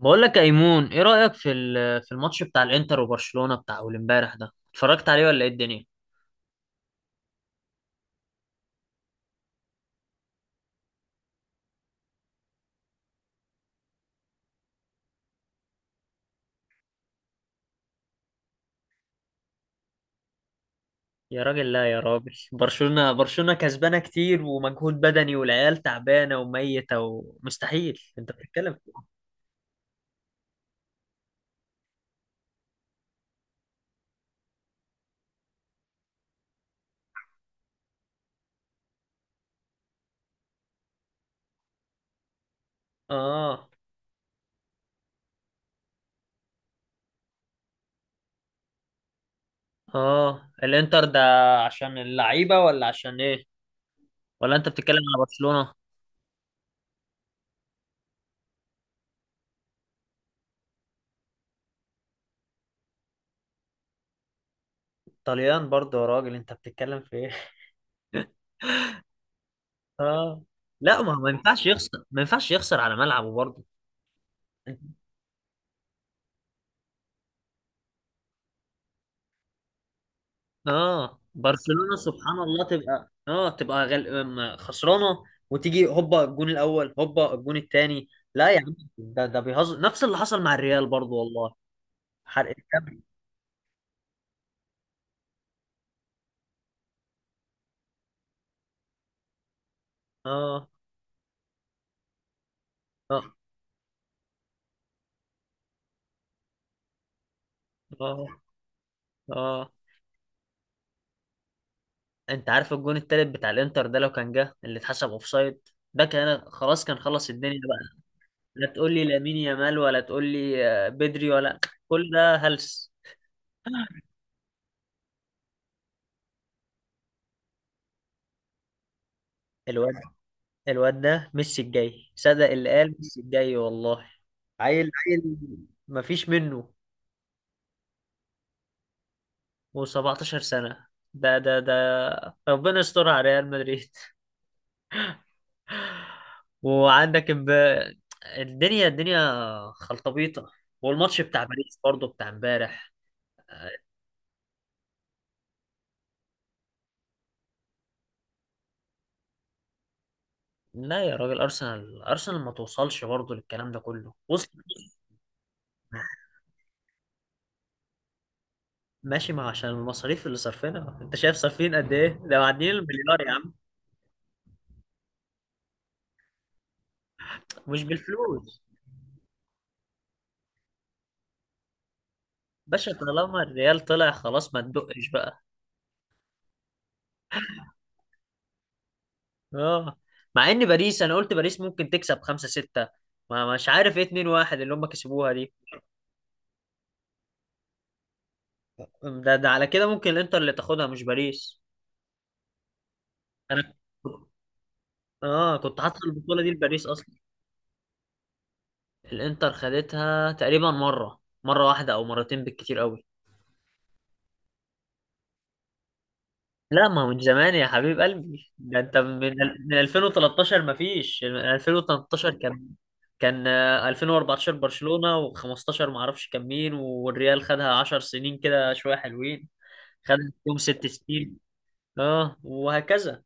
بقول لك يا ايمون ايه رأيك في الماتش بتاع الانتر وبرشلونة بتاع اول امبارح ده اتفرجت عليه ولا ايه الدنيا؟ يا راجل، لا يا راجل، برشلونة برشلونة كسبانة كتير ومجهود بدني والعيال تعبانة وميتة ومستحيل، انت بتتكلم في إيه؟ اه. اه، الانتر ده، عشان اللعيبة ولا عشان ايه؟ ولا انت بتتكلم على برشلونة؟ طليان برضه، يا راجل، انت بتتكلم في ايه؟ اه. لا ما هو ما ينفعش يخسر ما ينفعش يخسر على ملعبه برضه. اه، برشلونة سبحان الله تبقى خسرانة. وتيجي هوبا الجون الأول، هوبا الجون الثاني. لا يا عم، ده بيهزر، نفس اللي حصل مع الريال برضو والله. حرق الدم. اه. اه. اه. اه. انت عارف الجون التالت بتاع الانتر ده لو كان جه اللي اتحسب اوفسايد، ده كان خلاص، كان خلص الدنيا بقى. لا تقول لي لامين يامال ولا تقول لي بدري ولا. كل ده هلس. الواد الواد ده ميسي الجاي، صدق اللي قال ميسي الجاي والله. عيل عيل، مفيش منه. و17 سنة، ده ربنا يستر على ريال مدريد. وعندك الدنيا الدنيا خلطبيطة. والماتش بتاع باريس برضه بتاع امبارح. لا يا راجل، ارسنال ما توصلش برضه، للكلام ده كله وصل. ماشي، ما عشان المصاريف اللي صرفينها، انت شايف صارفين قد ايه؟ ده معديين المليار يا عم. مش بالفلوس. باشا طالما الريال طلع خلاص ما تدقش بقى. اه. مع ان باريس انا قلت باريس ممكن تكسب 5-6. ما مش عارف ايه 2-1 اللي هم كسبوها دي. ده على كده ممكن الانتر اللي تاخدها مش باريس. انا، اه، كنت حاطط البطوله دي لباريس اصلا. الانتر خدتها تقريبا مره واحده او مرتين بالكتير قوي. لا ما هو من زمان يا حبيب قلبي، ده انت من 2013، ما فيش 2013. كان 2014 برشلونة، و15 ما اعرفش كان مين، والريال خدها 10 سنين كده شوية حلوين. خدت فيهم 6 سنين. اه وهكذا.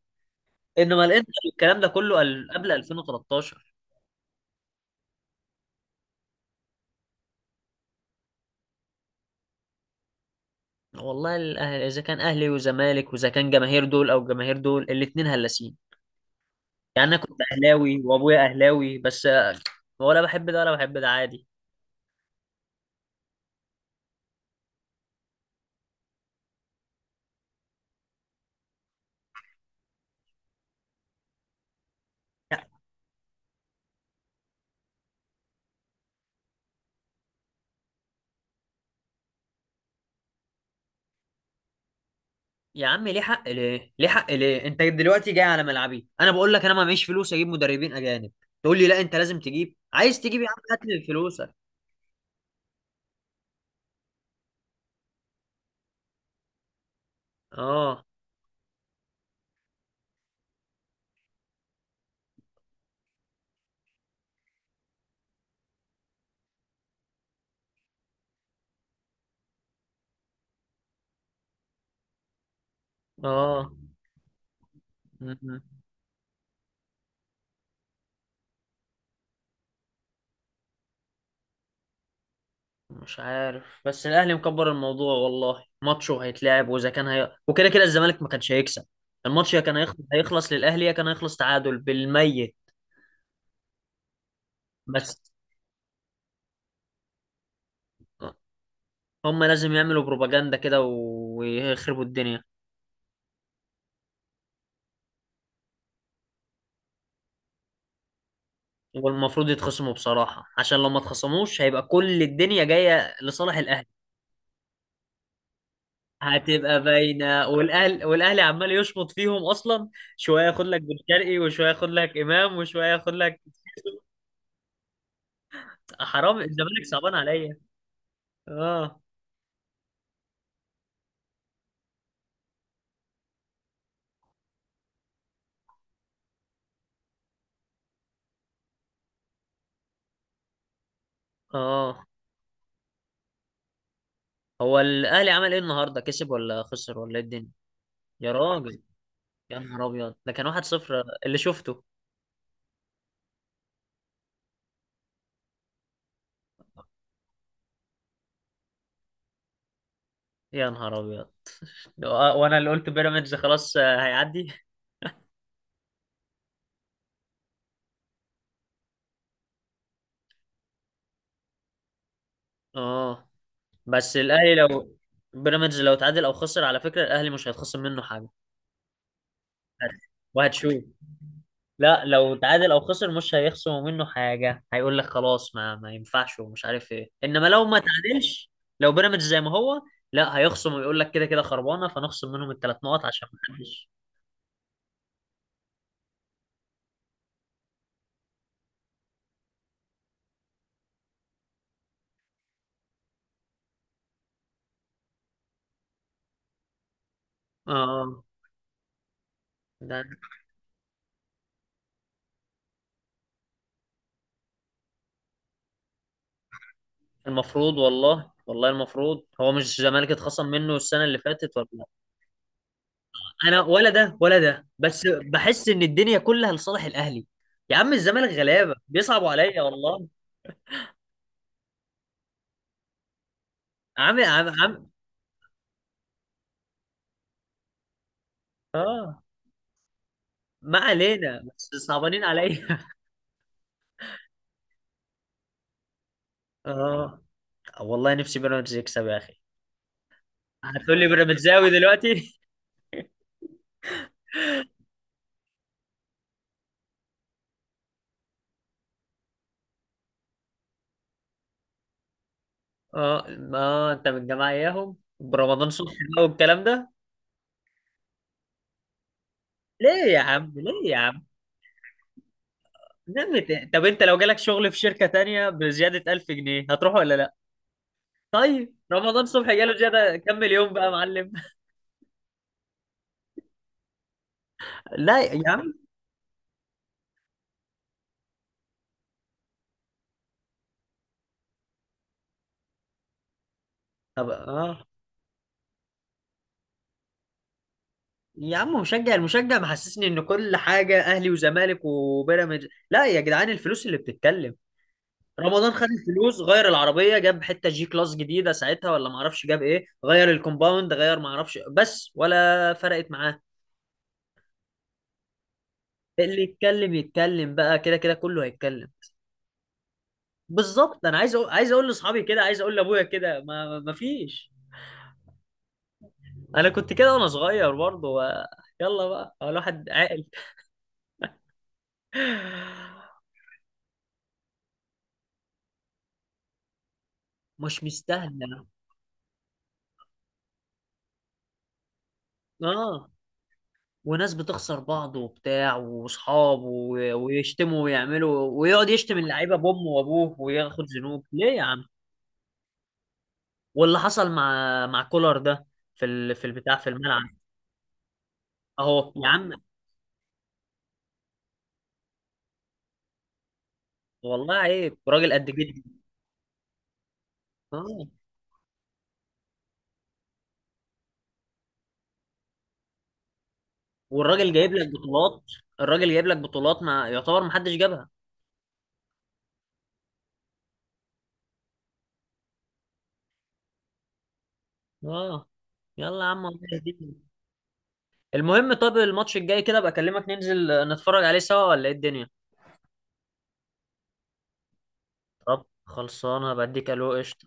انما الانتر الكلام ده كله قبل 2013. والله الاهلي اذا كان اهلي وزمالك واذا كان جماهير دول او جماهير دول الاتنين هلاسين. يعني انا كنت اهلاوي وابويا اهلاوي بس ولا بحب ده ولا بحب ده، عادي. يا يا عم، ليه حق، ليه حق ليه، انت دلوقتي جاي على ملعبي؟ انا بقول لك انا ما معيش فلوس اجيب مدربين اجانب. تقول لي لا انت لازم تجيب، عايز تجيب؟ يا عم هات لي فلوسك. اه. اه. م- م. مش عارف، بس الاهلي مكبر الموضوع والله، ماتشه هيتلعب، واذا كان وكده كده الزمالك ما كانش هيكسب الماتش، يا كان هيخلص للاهلي يا كان هيخلص تعادل بالميت. بس هم لازم يعملوا بروباجندا كده ويخربوا الدنيا. والمفروض يتخصموا بصراحة، عشان لو ما اتخصموش هيبقى كل الدنيا جاية لصالح الاهلي. هتبقى باينة، والاهلي عمال يشمط فيهم اصلا. شوية ياخد لك بن شرقي، وشوية ياخد لك امام، وشوية ياخد لك. حرام الزمالك صعبان عليا. اه. اه. هو الاهلي عمل ايه النهارده؟ كسب ولا خسر ولا ايه الدنيا؟ يا راجل. يا نهار ابيض، ده كان 1-0 اللي شفته. يا نهار ابيض، وانا اللي قلت بيراميدز خلاص هيعدي. اه، بس الاهلي لو، بيراميدز لو تعادل او خسر على فكره، الاهلي مش هيتخصم منه حاجه. وهتشوف. لا لو تعادل او خسر مش هيخصموا منه حاجه، هيقول لك خلاص ما ينفعش ومش عارف ايه، انما لو ما تعادلش لو بيراميدز زي ما هو، لا، هيخصم ويقول لك كده كده خربانه فنخصم منهم الثلاث نقط عشان ما حدش. اه. ده المفروض، والله والله المفروض. هو مش الزمالك اتخصم منه السنه اللي فاتت، ولا لا؟ انا ولا ده ولا ده، بس بحس ان الدنيا كلها لصالح الاهلي. يا عم الزمالك غلابه بيصعبوا عليا والله. عم عم عم. اه، ما علينا، بس صعبانين عليا. اه. والله نفسي بيراميدز يكسب يا اخي. هتقول لي بيراميدزاوي دلوقتي؟ اه ما انت من الجماعه اياهم، برمضان صبحي بقى والكلام ده. ليه يا عم؟ ليه يا عم؟ نمت. طب انت لو جالك شغل في شركه تانية بزياده 1000 جنيه هتروح ولا لا؟ طيب رمضان صبحي جاله زياده كم مليون بقى يا معلم؟ لا يا عم. طب اه. يا عم المشجع محسسني ان كل حاجه اهلي وزمالك وبيراميدز، لا يا جدعان الفلوس اللي بتتكلم. رمضان خد الفلوس غير العربيه، جاب حته جي كلاس جديده ساعتها ولا ما اعرفش، جاب ايه غير الكومباوند غير ما اعرفش، بس ولا فرقت معاه. اللي يتكلم يتكلم بقى، كده كده كله هيتكلم. بالظبط. انا عايز اقول لاصحابي كده، عايز اقول لابويا كده، ما فيش. انا كنت كده وانا صغير برضه يلا بقى، هو الواحد عاقل. مش مستاهله. اه. وناس بتخسر بعض وبتاع واصحاب ويشتموا ويعملوا ويقعد يشتم اللعيبه بامه وابوه وياخد ذنوب، ليه يا عم؟ واللي حصل مع كولر ده في البتاع في الملعب. اهو يا عم. والله عيب، راجل قد جدي. اه. والراجل جايب لك بطولات. الراجل جايب لك بطولات، ما يعتبر ما حدش جابها. اه. يلا يا عم، الله يهديك. المهم، طب الماتش الجاي كده بكلمك، اكلمك، ننزل نتفرج عليه سوا ولا ايه الدنيا؟ طب خلصانه، بديك الو قشطه.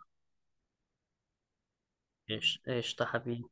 قشطه قشطة حبيبي.